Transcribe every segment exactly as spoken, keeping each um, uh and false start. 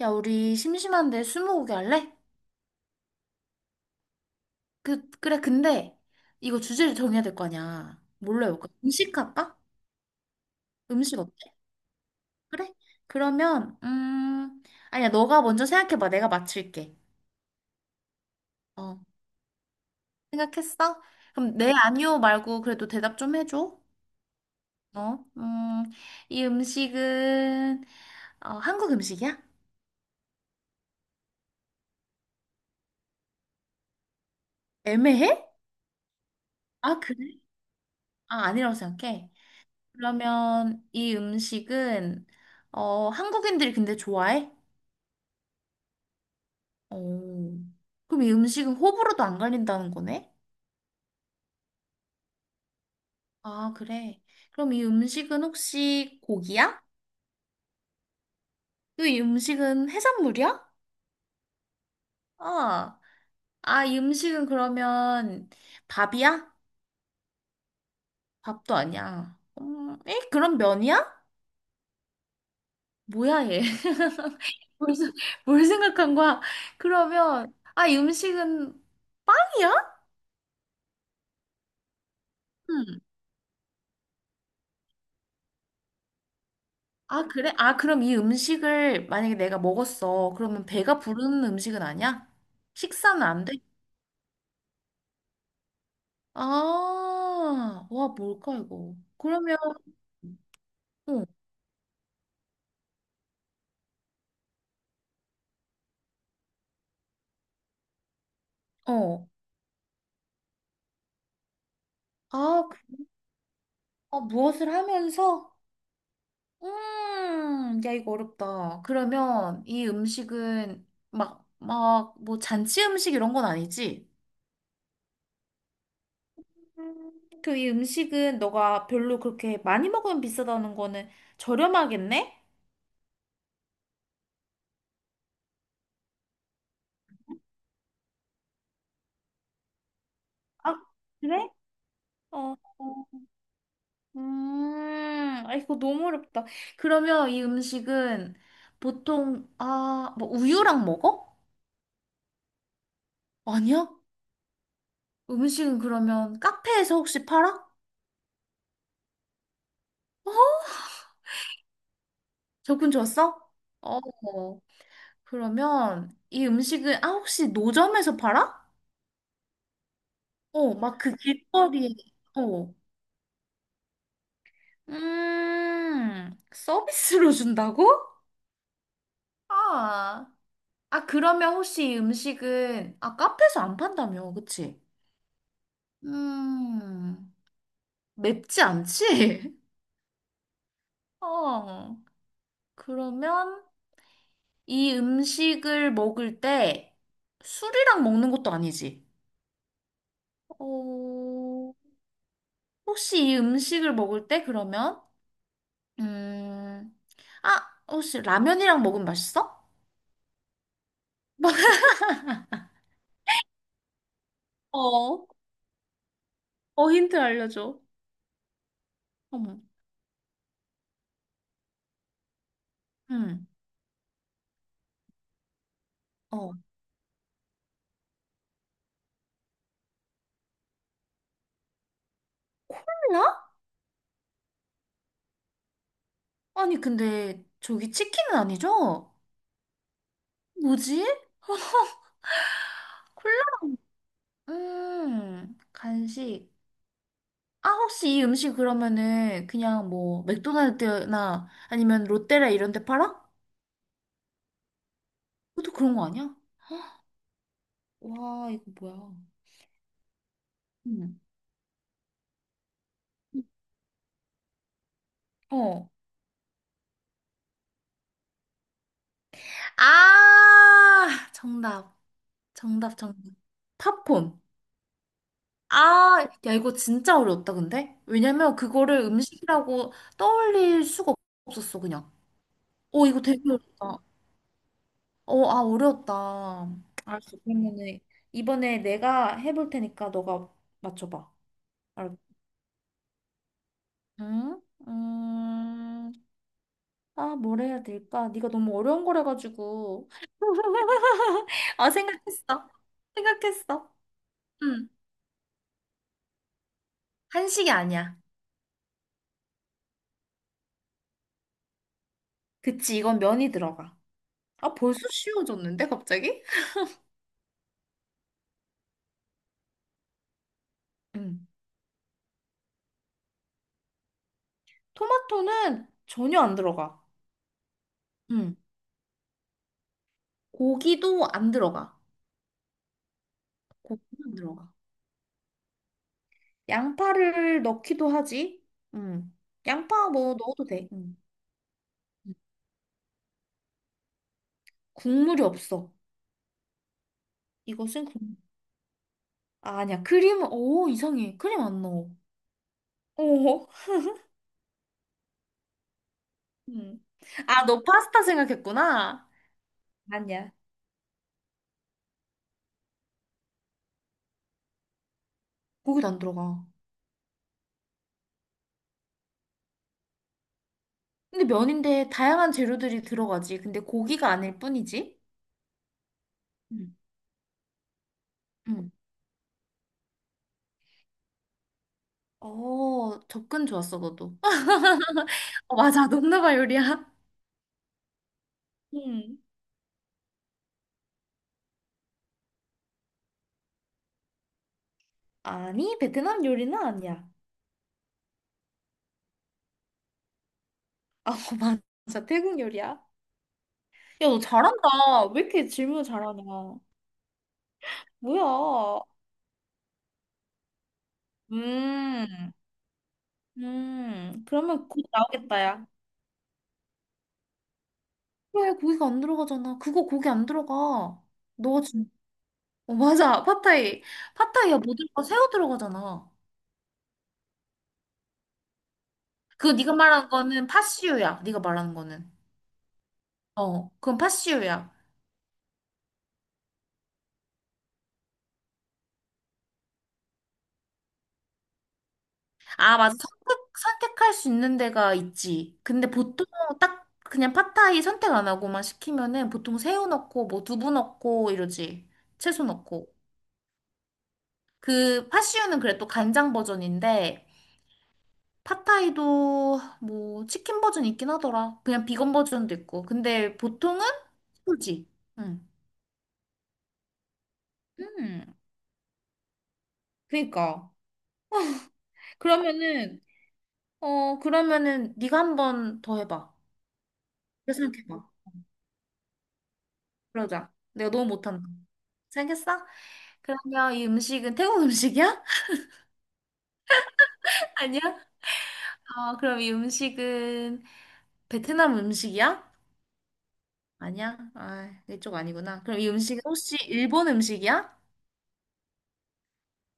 야, 우리 심심한데 스무고개 할래? 그, 그래, 근데 이거 주제를 정해야 될 거 아니야. 뭘로 해볼까? 음식 할까? 음식 어때? 그래? 그러면, 음, 아니야, 너가 먼저 생각해봐. 내가 맞출게. 어, 생각했어? 그럼 네, 아니요 말고 그래도 대답 좀 해줘. 어, 음, 이 음식은, 어, 한국 음식이야? 애매해? 아, 그래? 아, 아니라고 생각해. 그러면 이 음식은, 어, 한국인들이 근데 좋아해? 오. 그럼 이 음식은 호불호도 안 갈린다는 거네? 아, 그래. 그럼 이 음식은 혹시 고기야? 또 이 음식은 해산물이야? 아, 아, 이 음식은 그러면 밥이야? 밥도 아니야. 음, 에? 그럼 면이야? 뭐야, 얘. 뭘, 생- 뭘 생각한 거야? 그러면, 아, 이 음식은 빵이야? 응. 아, 그래? 아, 그럼 이 음식을 만약에 내가 먹었어. 그러면 배가 부르는 음식은 아니야? 식사는 안 돼? 아, 와, 뭘까, 이거. 그러면, 응, 어. 아, 그- 아, 무엇을 하면서? 음, 야, 이거 어렵다. 그러면 이 음식은 막, 막, 뭐 잔치 음식 이런 건 아니지? 그 이 음식은 너가 별로 그렇게 많이 먹으면 비싸다는 거는 저렴하겠네? 아, 그래? 어. 음, 아, 이거 너무 어렵다. 그러면 이 음식은 보통, 아, 뭐 우유랑 먹어? 아니야? 음식은 그러면 카페에서 혹시 팔아? 어? 접근 좋았어? 어, 그러면 이 음식은, 아, 혹시 노점에서 팔아? 어, 막 그 길거리에, 어. 음, 서비스로 준다고? 아, 아, 그러면 혹시 이 음식은, 아, 카페에서 안 판다며, 그치? 음. 맵지 않지? 어. 그러면 이 음식을 먹을 때 술이랑 먹는 것도 아니지? 어, 혹시 이 음식을 먹을 때 그러면, 음, 아, 혹시 라면이랑 먹으면 맛있어? 어, 어, 힌트 알려줘. 어머, 음, 어. 콜라? 아니, 근데 저기 치킨은 아니죠? 뭐지? 콜라? 음, 간식. 아, 혹시 이 음식 그러면은 그냥 뭐 맥도날드나 아니면 롯데라 이런 데 팔아? 그것도 그런 거 아니야? 와, 이거 뭐야. 응. 어. 아, 정답. 정답, 정답. 팝콘. 아, 야, 이거 진짜 어려웠다, 근데? 왜냐면 그거를 음식이라고 떠올릴 수가 없었어, 그냥. 어, 이거 되게 어렵다. 어, 아, 어려웠다. 알았어. 그러면은 이번에 내가 해볼 테니까 너가 맞춰봐. 알았지? 응? 음, 아, 뭘 해야 될까? 네가 너무 어려운 거래가지고 아, 생각했어. 생각했어. 응. 한식이 아니야. 그치, 이건 면이 들어가. 아, 벌써 쉬워졌는데, 갑자기? 응. 토마토는 전혀 안 들어가. 응. 고기도 안 들어가. 고기도 안 들어가. 양파를 넣기도 하지. 응. 양파 뭐 넣어도 돼. 응. 국물이 없어. 이것은 아, 아니야. 크림, 오, 이상해. 크림 안 넣어. 오. 응. 아, 너 파스타 생각했구나. 아니야. 고기도 안 들어가. 근데 면인데 다양한 재료들이 들어가지. 근데 고기가 아닐 뿐이지? 응 응. 어, 접근 좋았어, 너도. 어, 맞아. 동남아 요리야. 응. 아니, 베트남 요리는 아니야. 아, 맞아. 태국 요리야. 야, 너 잘한다. 왜 이렇게 질문 잘하냐. 뭐야. 음. 음, 그러면 고기 나오겠다, 야. 왜 고기가 안 들어가잖아. 그거 고기 안 들어가. 너 지금 어, 맞아. 팟타이. 팟타이야 뭐 들어가? 새우 들어가잖아. 그거 네가 말하는 거는 팥시유야. 네가 말하는 거는. 어, 그건 팥시유야. 아, 맞아. 선택 선택할 수 있는 데가 있지. 근데 보통 딱 그냥 팟타이 선택 안 하고만 시키면은 보통 새우 넣고 뭐 두부 넣고 이러지. 채소 넣고. 그 팥시유는 그래 또 간장 버전인데 팟타이도 뭐 치킨 버전 있긴 하더라. 그냥 비건 버전도 있고. 근데 보통은 소지. 응. 음, 그니까. 그러면은, 어, 그러면은 네가 한 번 더 해봐. 그래 생각해봐. 그러자. 내가 너무 못한다. 생각했어? 그러면 이 음식은 태국 음식이야? 아니야? 어, 그럼 이 음식은 베트남 음식이야? 아니야? 아, 이쪽 아니구나. 그럼 이 음식은 혹시 일본 음식이야?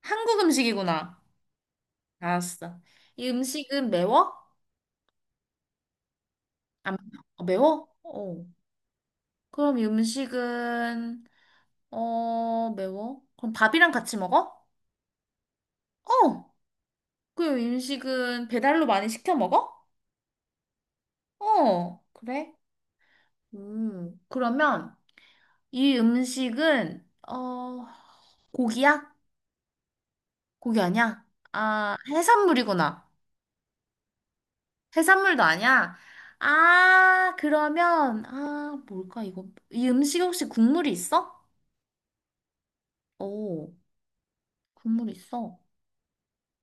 한국 음식이구나. 알았어. 이 음식은 매워? 안 매워? 어, 매워? 어. 그럼 이 음식은 어 매워? 그럼 밥이랑 같이 먹어? 어. 그럼 이 음식은 배달로 많이 시켜 먹어? 어. 그래? 음. 그러면 이 음식은 어 고기야? 고기 아니야? 아 해산물이구나. 해산물도 아니야? 아 그러면 아 뭘까 이거 이 음식 혹시 국물이 있어? 오. 국물 있어.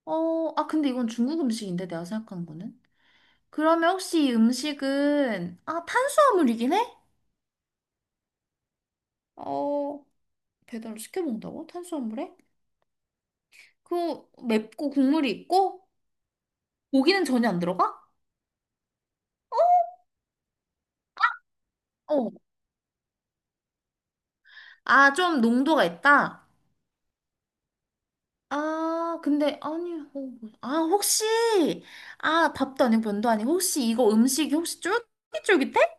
어, 아, 근데 이건 중국 음식인데, 내가 생각한 거는. 그러면 혹시 이 음식은, 아, 탄수화물이긴 해? 어, 배달을 시켜 먹는다고? 탄수화물에? 그, 맵고 국물이 있고? 고기는 전혀 안 들어가? 어. 아, 좀 농도가 있다? 아, 근데, 아니, 어, 뭐- 아, 혹시, 아, 밥도 아니고 면도 아니고, 혹시 이거 음식이 혹시 쫄깃쫄깃해?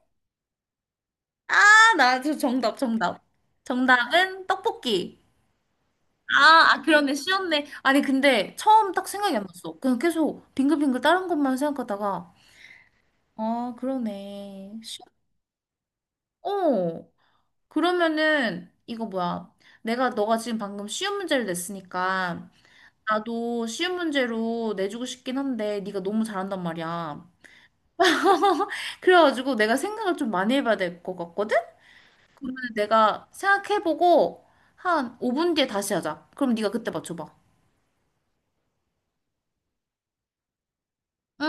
아, 나 저 정답, 정답. 정답은 떡볶이. 아, 아, 그러네. 쉬었네. 아니, 근데 처음 딱 생각이 안 났어. 그냥 계속 빙글빙글 다른 것만 생각하다가, 아, 그러네. 쉬... 어, 그러면은, 이거 뭐야. 내가, 너가 지금 방금 쉬운 문제를 냈으니까, 나도 쉬운 문제로 내주고 싶긴 한데, 네가 너무 잘한단 말이야. 그래가지고 내가 생각을 좀 많이 해봐야 될 것 같거든? 그러면 내가 생각해보고, 한 오 분 뒤에 다시 하자. 그럼 네가 그때 맞춰봐. 응?